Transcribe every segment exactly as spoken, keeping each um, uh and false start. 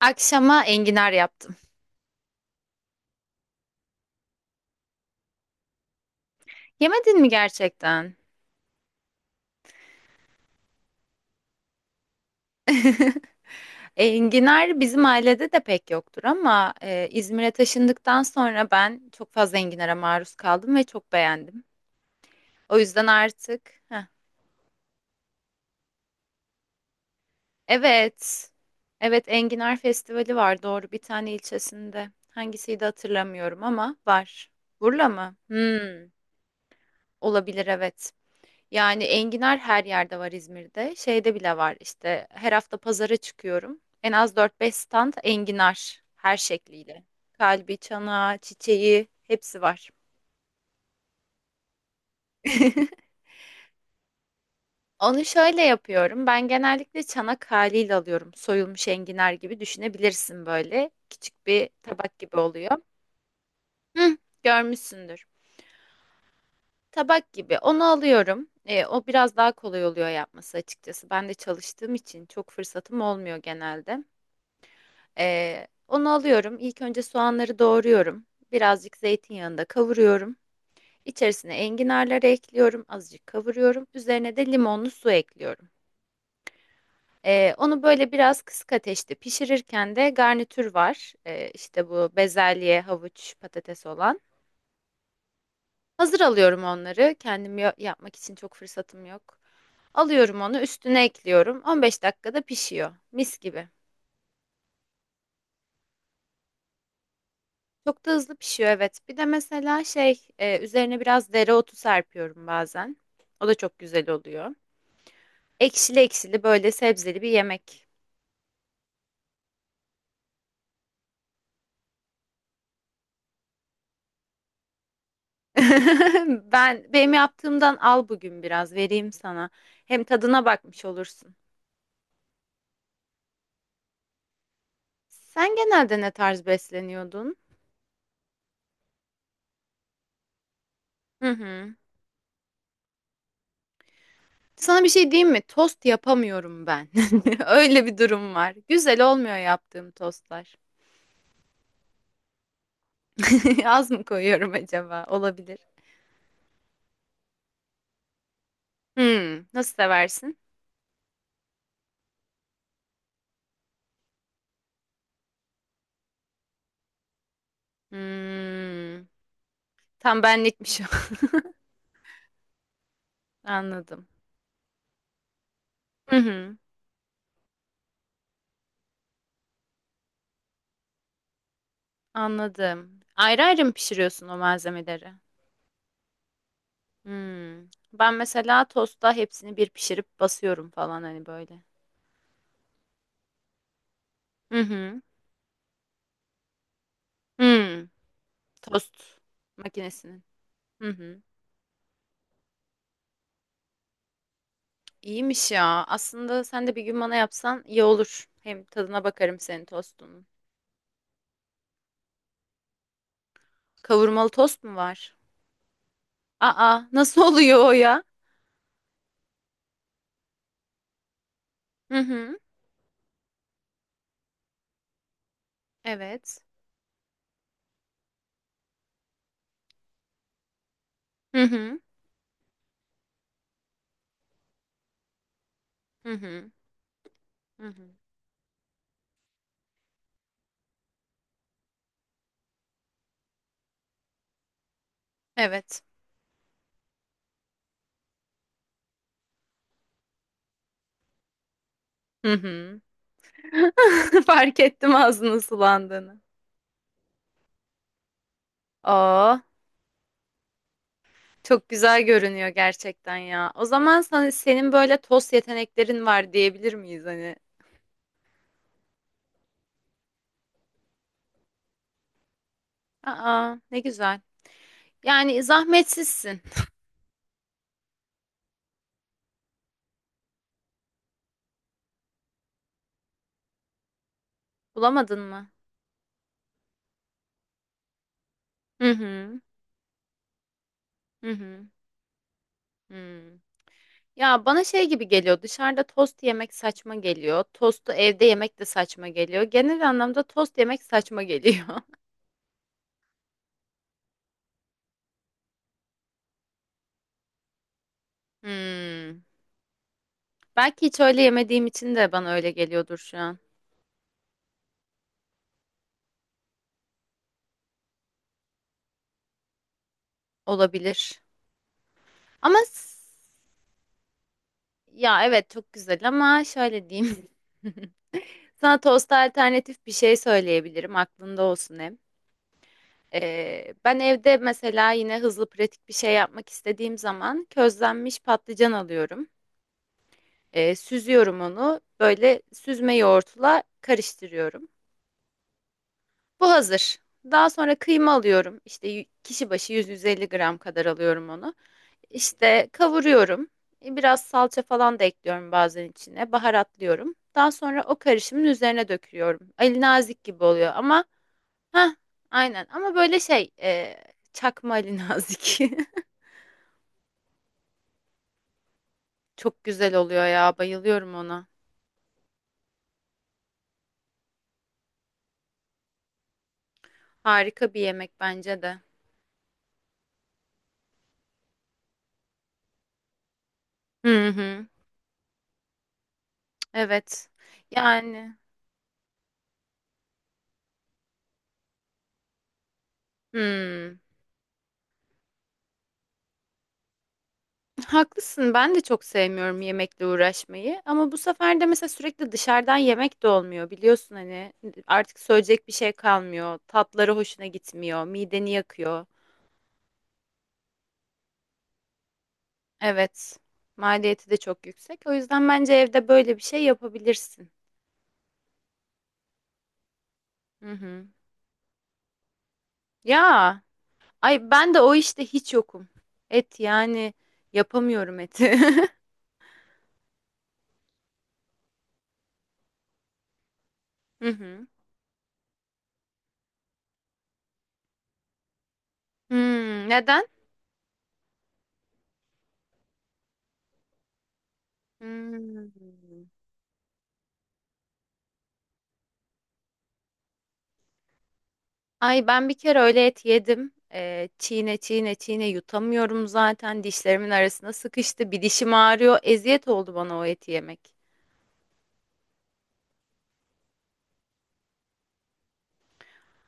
Akşama enginar yaptım. Yemedin mi gerçekten? Enginar bizim ailede de pek yoktur ama e, İzmir'e taşındıktan sonra ben çok fazla enginara maruz kaldım ve çok beğendim. O yüzden artık Heh. Evet. Evet Enginar Festivali var, doğru, bir tane ilçesinde. Hangisiydi hatırlamıyorum ama var. Burla mı? Hmm, olabilir evet. Yani enginar her yerde var İzmir'de. Şeyde bile var işte, her hafta pazara çıkıyorum. En az dört beş stand enginar her şekliyle. Kalbi, çanağı, çiçeği hepsi var. Onu şöyle yapıyorum. Ben genellikle çanak haliyle alıyorum. Soyulmuş enginar gibi düşünebilirsin böyle. Küçük bir tabak gibi oluyor. Hı, görmüşsündür. Tabak gibi. Onu alıyorum. E, o biraz daha kolay oluyor yapması açıkçası. Ben de çalıştığım için çok fırsatım olmuyor genelde. Ee, onu alıyorum. İlk önce soğanları doğruyorum. Birazcık zeytinyağında kavuruyorum. İçerisine enginarları ekliyorum. Azıcık kavuruyorum. Üzerine de limonlu su ekliyorum. Ee, onu böyle biraz kısık ateşte pişirirken de garnitür var. Ee, işte bu bezelye, havuç, patates olan. Hazır alıyorum onları. Kendim ya- yapmak için çok fırsatım yok. Alıyorum onu, üstüne ekliyorum. on beş dakikada pişiyor. Mis gibi. Çok da hızlı pişiyor, evet. Bir de mesela şey e, üzerine biraz dereotu serpiyorum bazen. O da çok güzel oluyor. Ekşili ekşili böyle sebzeli bir yemek. Ben benim yaptığımdan al, bugün biraz vereyim sana. Hem tadına bakmış olursun. Sen genelde ne tarz besleniyordun? Hı hı. Sana bir şey diyeyim mi? Tost yapamıyorum ben. Öyle bir durum var. Güzel olmuyor yaptığım tostlar. Az mı koyuyorum acaba? Olabilir. Hmm, nasıl seversin? Hmm, tam benlikmiş o. Anladım. Hı hı, anladım. Ayrı ayrı mı pişiriyorsun o malzemeleri? Hmm. Ben mesela tostta hepsini bir pişirip basıyorum falan, hani böyle. Hı hı. Hmm, Tost makinesinin. Hı hı. İyiymiş ya. Aslında sen de bir gün bana yapsan iyi olur. Hem tadına bakarım senin tostunun. Kavurmalı tost mu var? Aa, nasıl oluyor o ya? Hı hı. Evet. Hı hı. Hı hı. Hı hı. Evet. Hı hı. Fark ettim ağzının sulandığını. Aa, çok güzel görünüyor gerçekten ya. O zaman sana, senin böyle tost yeteneklerin var diyebilir miyiz hani? Aa, ne güzel. Yani zahmetsizsin. Bulamadın mı? Hı hı. Hı hı. hı. Ya bana şey gibi geliyor. Dışarıda tost yemek saçma geliyor. Tostu evde yemek de saçma geliyor. Genel anlamda tost yemek saçma geliyor. Hmm. Belki hiç öyle yemediğim için de bana öyle geliyordur şu an. Olabilir. Ama s- ya evet, çok güzel ama şöyle diyeyim. Sana tosta alternatif bir şey söyleyebilirim. Aklında olsun hem. Ee, ben evde mesela yine hızlı pratik bir şey yapmak istediğim zaman közlenmiş patlıcan alıyorum. Ee, süzüyorum onu. Böyle süzme yoğurtla karıştırıyorum. Bu hazır. Daha sonra kıyma alıyorum. İşte y- kişi başı yüz yüz elli gram kadar alıyorum onu. İşte kavuruyorum. E, Biraz salça falan da ekliyorum bazen içine. Baharatlıyorum. Daha sonra o karışımın üzerine döküyorum. Ali nazik gibi oluyor ama ha, aynen ama böyle şey e, çakma Ali nazik. Çok güzel oluyor ya. Bayılıyorum ona. Harika bir yemek bence de. Hı hı. Evet. Yani hmm. Haklısın. Ben de çok sevmiyorum yemekle uğraşmayı. Ama bu sefer de mesela sürekli dışarıdan yemek de olmuyor. Biliyorsun hani artık söyleyecek bir şey kalmıyor. Tatları hoşuna gitmiyor. Mideni yakıyor. Evet. Maliyeti de çok yüksek. O yüzden bence evde böyle bir şey yapabilirsin. Hı hı. Ya. Ay ben de o işte hiç yokum. Et, yani yapamıyorum eti. Hı hı. Hmm, neden? Hmm. Ay ben bir kere öyle et yedim. Ee, çiğne çiğne çiğne yutamıyorum zaten. Dişlerimin arasına sıkıştı. Bir dişim ağrıyor. Eziyet oldu bana o eti yemek.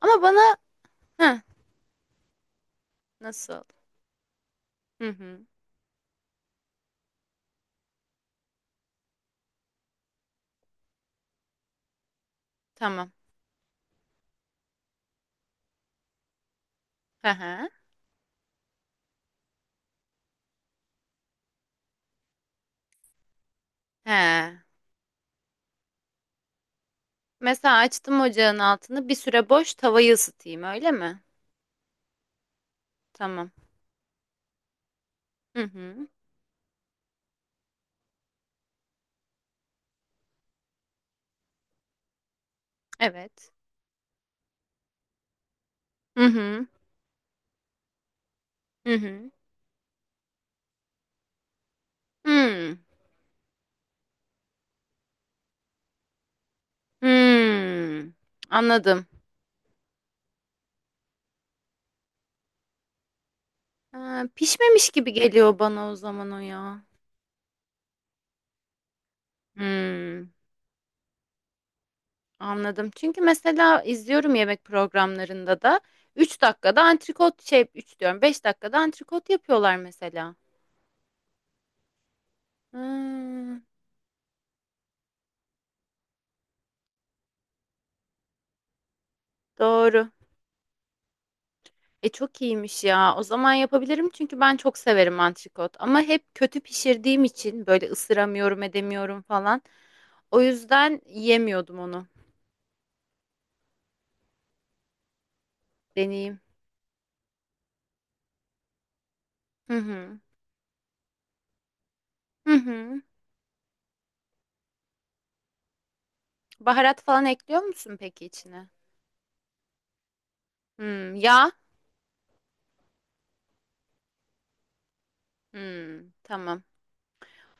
Ama bana Heh, nasıl? Hı hı. Tamam. Hı hı. He. Mesela açtım ocağın altını. Bir süre boş tavayı ısıtayım öyle mi? Tamam. Hı hı. Evet. Hı hı. Hı hı. Hmm. Hmm. Anladım. Ha, pişmemiş gibi geliyor bana o zaman o ya. Hmm. Anladım. Çünkü mesela izliyorum yemek programlarında da üç dakikada antrikot şey üç diyorum, beş dakikada antrikot yapıyorlar mesela. Hmm, doğru. E çok iyiymiş ya. O zaman yapabilirim, çünkü ben çok severim antrikot. Ama hep kötü pişirdiğim için böyle ısıramıyorum, edemiyorum falan. O yüzden yiyemiyordum onu. Deneyeyim. Hı hı. Hı hı. Baharat falan ekliyor musun peki içine? Hmm, yağ. Hmm, tamam.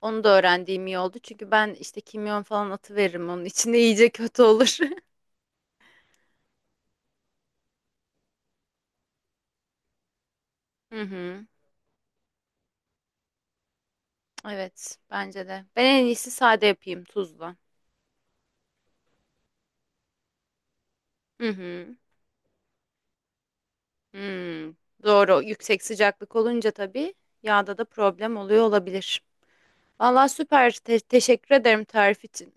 Onu da öğrendiğim iyi oldu. Çünkü ben işte kimyon falan atıveririm onun içinde iyice kötü olur. Hı hı. Evet, bence de. Ben en iyisi sade yapayım tuzla. Hı hı. Hmm. Doğru. Yüksek sıcaklık olunca tabii yağda da problem oluyor olabilir. Vallahi süper. Te- teşekkür ederim tarif için.